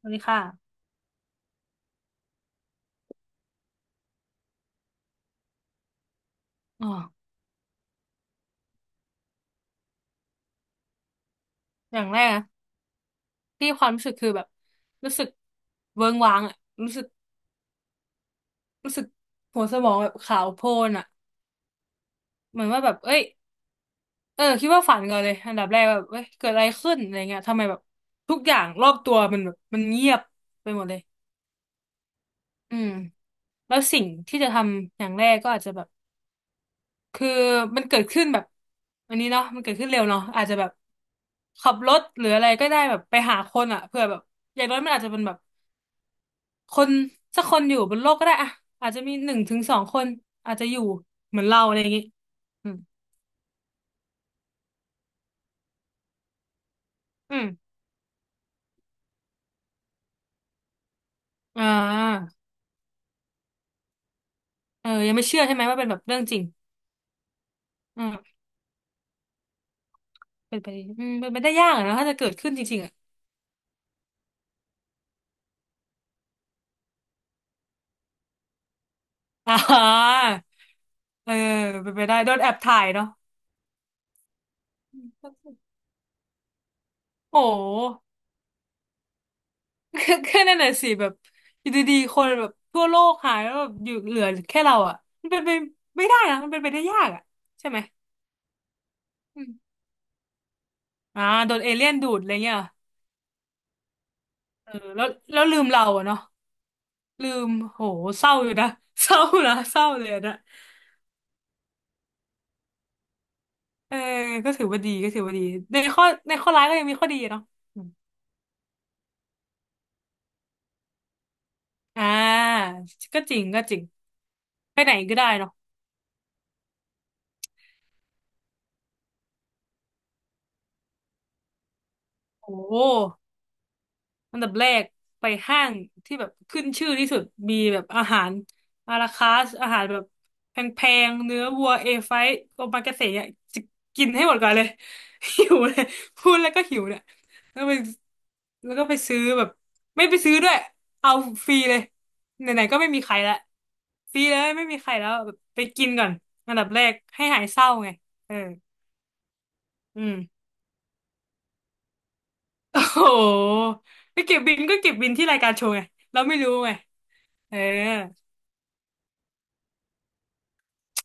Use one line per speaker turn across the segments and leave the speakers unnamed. สวัสดีค่ะอ๋ออย่างแรกนะที่ความรู้สึกคือแบบรู้สึกเวิ้งว้างอะรู้สึกรู้สึกหัวสมองแบบขาวโพลนอะเหมือนว่าแบบเอ้ยเออคิดว่าฝันก่อนเลยอันดับแรกแบบเอ้ยเกิดอะไรขึ้นอะไรเงี้ยทำไมแบบทุกอย่างรอบตัวมันแบบมันเงียบไปหมดเลยอืมแล้วสิ่งที่จะทำอย่างแรกก็อาจจะแบบคือมันเกิดขึ้นแบบอันนี้เนาะมันเกิดขึ้นเร็วเนาะอาจจะแบบขับรถหรืออะไรก็ได้แบบไปหาคนอ่ะเผื่อแบบอย่างน้อยมันอาจจะเป็นแบบ คนสักคนอยู่บนโลกก็ได้อะอาจจะมีหนึ่งถึงสองคนอาจจะอยู่เหมือนเราอะไรอย่างงี้อืมอืมอ่าเออยังไม่เชื่อใช่ไหมว่าเป็นแบบเรื่องจริงอืมเป็นไปเป็นไปได้ยากอะนะถ้าจะเกิดขึ้นจริงๆอ่ะ อ่าเออเป็นไปได้โดนแอบถ่ายเนาะอืมโอ้โห ก็นั่นน่ะสิแบบอยู่ดีๆคนแบบทั่วโลกหายแล้วแบบอยู่เหลือแค่เราอ่ะมันเป็นไปไม่ได้นะมันเป็นไปได้ยากอ่ะใช่ไหมอืมอ่าโดนเอเลี่ยนดูดอะไรเงี้ย เออแล้วลืมเราอะเนาะลืมโหเศร้าอยู่นะ เศร้านะเศร้าเลยอะนะเออก็ถือว่าดีในข้อร้ายก็ยังมีข้อดีอะเนาะอมอ่าก็จริงไปไหนก็ได้เนาะโอ้ อันดับแรกไปห้างที่แบบขึ้นชื่อที่สุดมีแบบอาหารอาราคาสอาหารแบบแพงๆเนื้อวัวเอไฟโอมากาเสะเนี่ยจะกินให้หมดก่อนเลย หิวเลยพูดแล้วก็หิวเนี่ยแล้วไปแล้วก็ไปซื้อแบบไม่ไปซื้อด้วยเอาฟรีเลยไหนๆก็ไม่มีใครละฟรีเลยไม่มีใครแล้วแบบไปกินก่อนอันดับแรกให้หายเศร้าไงเอออืม โอ้โหไปเก็บบินก็เก็บบินที่รายการโชว์ไงเราไม่รู้ไง เออ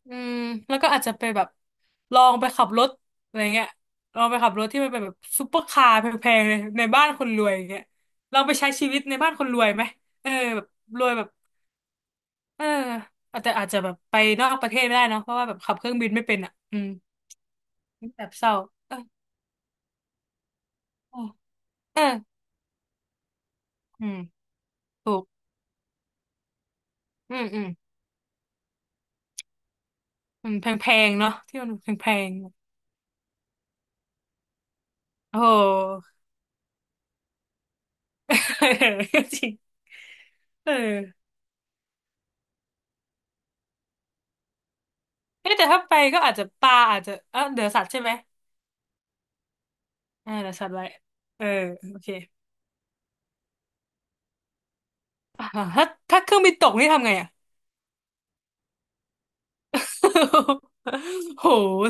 อืมแล้วก็อาจจะไปแบบลองไปขับรถอะไรเงี้ยลองไปขับรถที่มันเป็นแบบซุปเปอร์คาร์แพงๆเลยในบ้านคนรวยอย่างเงี้ยลองไปใช้ชีวิตในบ้านคนรวยไหมเออแบบรวยแบบเออแต่อาจจะแบบไปนอกประเทศไม่ได้เนาะเพราะว่าแบบขับเครื่องบินไม่เป็นอ่ะอืมแบบเศร้าเออเออเอออืมถูกอืมอืมอืมแพงๆเนาะที่มันแพงๆโอ้โห จริงเออเอ๊ะแต่ถ้าไปก็อาจจะปลาอาจจะเออเดือสัตว์ใช่ไหม อ่าเดี๋ยวสัตว์ไว้เออโอเคอ่าถ้าถ้าเครื่องบินตกนี่ทำไงอ่ะ โห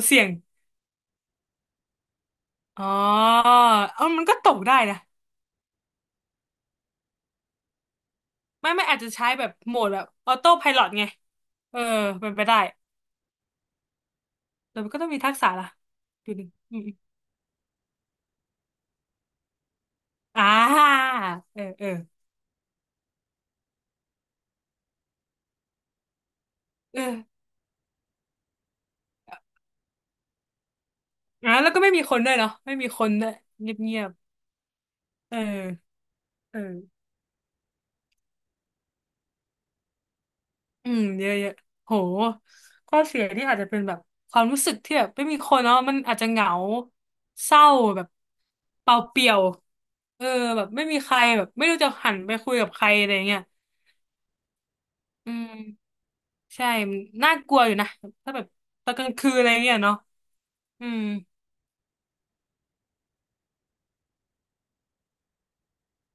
เสี่ยงอ๋อเออมันก็ตกได้นะไม่อาจจะใช้แบบโหมดแบบออโต้ไพลอตไงเออเป็นไปได้แต่มันก็ต้องมีทักษะล่ะดูหนึ่งอืมๆอ่าเออเออเอออ่าแล้วก็ไม่มีคนด้วยเนาะไม่มีคนด้วยเงียบเงียบเออเออ อืมเยอะแยะโหข้อเสียที่อาจจะเป็นแบบความรู้สึกที่แบบไม่มีคนเนาะมันอาจจะเหงาเศร้าแบบเปล่าเปลี่ยวเออแบบไม่มีใครแบบไม่รู้จะหันไปคุยกับใครอะไรเงี้ยอืมใช่มันน่ากลัวอยู่นะถ้าแบบตอนกลางคืนอะไรเงี้ยเนาะอืม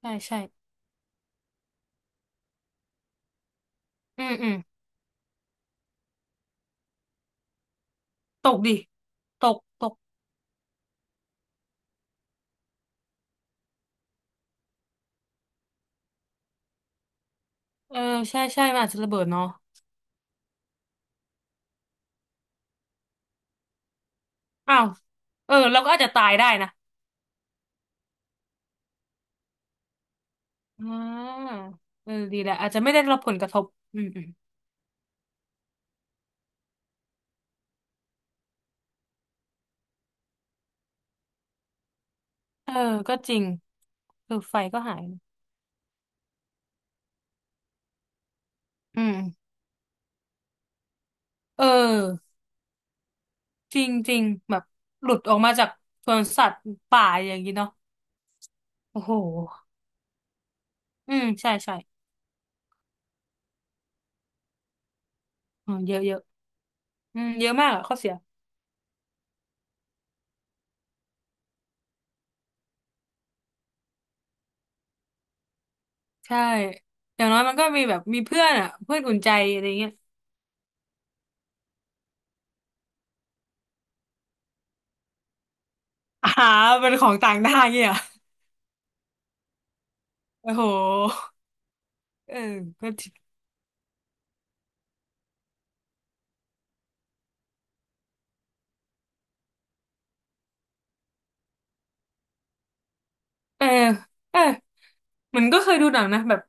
ใช่ใช่อืมอืมตกดิตกตกเออใช่ใช่มันอาจจะระเบิดเนาะอ้าวเออเราก็อาจจะตายได้นะอ่าเออดีแหละอาจจะไม่ได้รับผลกระทบอืมอืม เออก็จริงเออไฟก็หายอืมเออจริงจริงแบบหลุดออกมาจากสวนสัตว์ป่าอย่างนี้เนาะโอ้โหอืมใช่ใช่อืมเยอะเยอะอืมเยอะมากอะข้อเสียใช่อย่างน้อยมันก็มีแบบมีเพื่อนอะเพื่อนอุ่นใจอะไรเงี้ย อ่าเป็นของต่างด้าวเงี้ยเหรอโอ้โหเออก็ เออเออเหมือนก็เคยดูหนังนะแบบ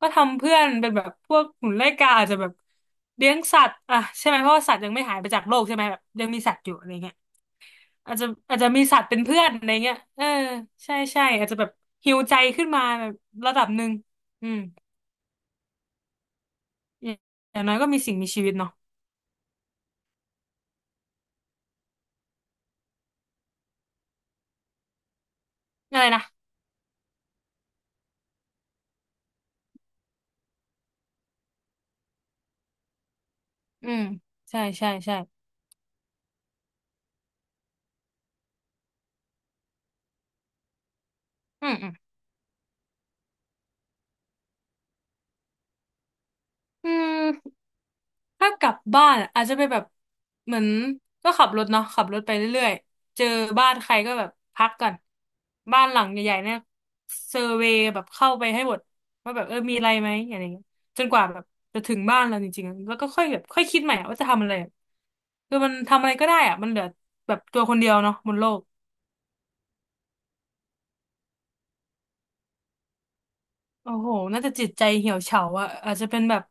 ก็ทำเพื่อนเป็นแบบพวกหนุนไล่กาอาจจะแบบเลี้ยงสัตว์อ่ะใช่ไหมเพราะว่าสัตว์ยังไม่หายไปจากโลกใช่ไหมแบบยังมีสัตว์อยู่อะไรเงี้ยอาจจะมีสัตว์เป็นเพื่อนอะไรเงี้ยเออใช่ใช่อาจจะแบบฮีลใจขึ้นมาแบบระดับหนึ่งอืมอย่างอย่างน้อยก็มีสิ่งมีชีวิตเนาะอะไรนะอืมใช่ใช่ใช่อืมอืมอืม ถ้ากลับบ้านอาจจะไปแบบเหมือนก็ขับรถเนาะขับรถไปเรื่อยๆเจอบ้านใครก็แบบพักก่อนบ้านหลังใหญ่ๆเนี่ยเซอร์เวย์แบบเข้าไปให้หมดว่าแบบเออมีอะไรไหมอะไรอย่างเงี้ยจนกว่าแบบจะถึงบ้านเราจริงๆแล้วก็ค่อยแบบค่อยคิดใหม่ว่าจะทำอะไรคือมันทำอะไรก็ได้อะมันเหลือแบบตัวคนเดียวเนาะบนโลกโอ้โหน่าจะจิตใจเหี่ยวเฉาอะอาจจะเป็นแบบ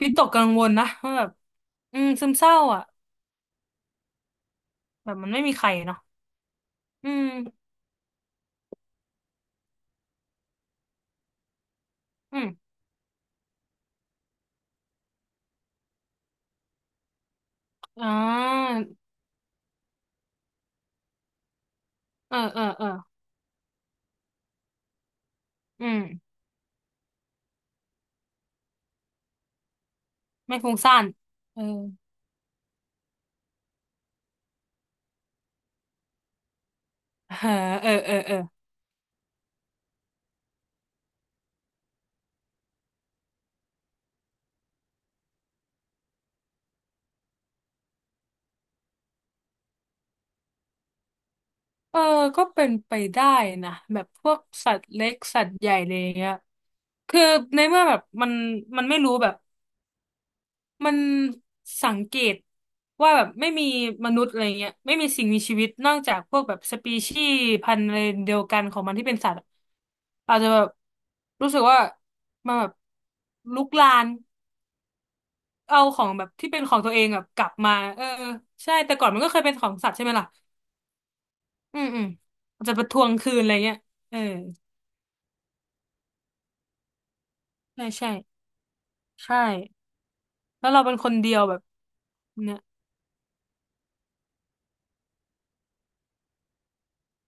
วิตกกังวลนะว่าแบบอืมซึมเศร้าอะแบบมันไม่มีใครเนาะอืมอืม อ่าเออเออเอออืมไม่ฟุ้งซ่านเออเออเออเออเออเออก็เป็นไปได้นะแบบพวกสัตว์เล็กสัตว์ใหญ่อะไรอย่างเงี้ยคือในเมื่อแบบมันไม่รู้แบบมันสังเกตว่าแบบไม่มีมนุษย์อะไรเงี้ยไม่มีสิ่งมีชีวิตนอกจากพวกแบบสปีชีส์พันธุ์อะไรเดียวกันของมันที่เป็นสัตว์อะอาจจะแบบรู้สึกว่ามันแบบลุกลาน เอาของแบบที่เป็นของตัวเองแบบกลับมาเออใช่แต่ก่อนมันก็เคยเป็นของสัตว์ใช่ไหมล่ะอืมอืมอาจจะไปทวงคืนอะไรเงี้ยเออใช่ใช่ใช่แล้วเราเป็นคนเดียวแบบเนี่ย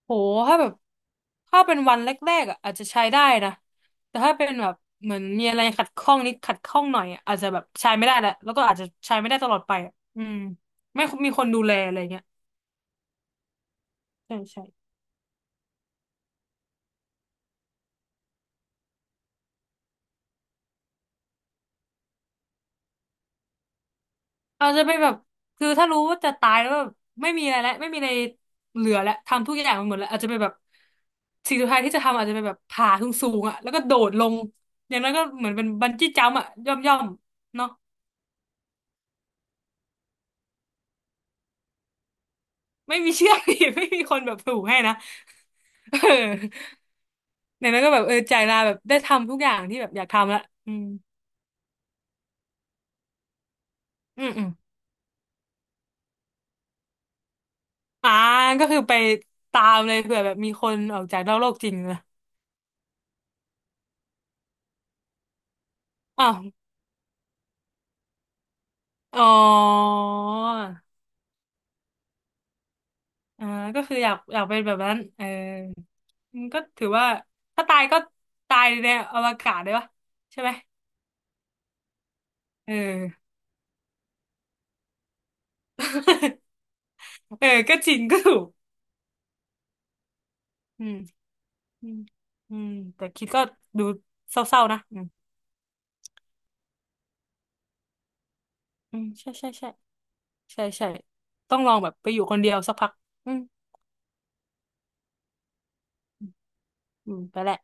โหถ้าแบบถ้าเป็นวันแรกๆอ่ะอาจจะใช้ได้นะแต่ถ้าเป็นแบบเหมือนมีอะไรขัดข้องนิดขัดข้องหน่อยอะอาจจะแบบใช้ไม่ได้แหละแล้วก็อาจจะใช้ไม่ได้ตลอดไปอะอืมไม่มีคนดูแลอะไรเงี้ยใช่ใช่ เราจะไปแบบคือถ้ารู้ว่าจะตายแล้วแบบไม่มีอะไรแล้วไม่มีอะไรเหลือแล้วทำทุกอย่างมันหมดแล้วอาจจะไปแบบสิ่งสุดท้ายที่จะทำอาจจะไปแบบผาสูงสูงอ่ะแล้วก็โดดลงอย่างนั้นก็เหมือนเป็นบันจี้จัมพ์อ่ะย่อมย่อมเนาะไม่มีเชือก อีกไม่มีคนแบบผูกให้นะ เอออย่างนั้นก็แบบเออจ่ายลาแบบได้ทำทุกอย่างที่แบบอยากทำละอืมอืมอืมอ่าก็คือไปตามเลยเผื่อแบบมีคนออกจากนอกโลกจริงนะอ้าวอ๋อ อ่าก็คืออยากอยากเป็นแบบนั้นเอออืมก็ถือว่าถ้าตายก็ตายในอวกาศได้ปะใช่ไหมเออ เออก็จริงก็ถูกอืมอืมอืมแต่คิดก็ดูเศร้าๆนะอืมอืมใช่ใช่ใช่ใช่ใช่ต้องลองแบบไปอยู่คนเดียวสักพักอืมอืมไปแหละ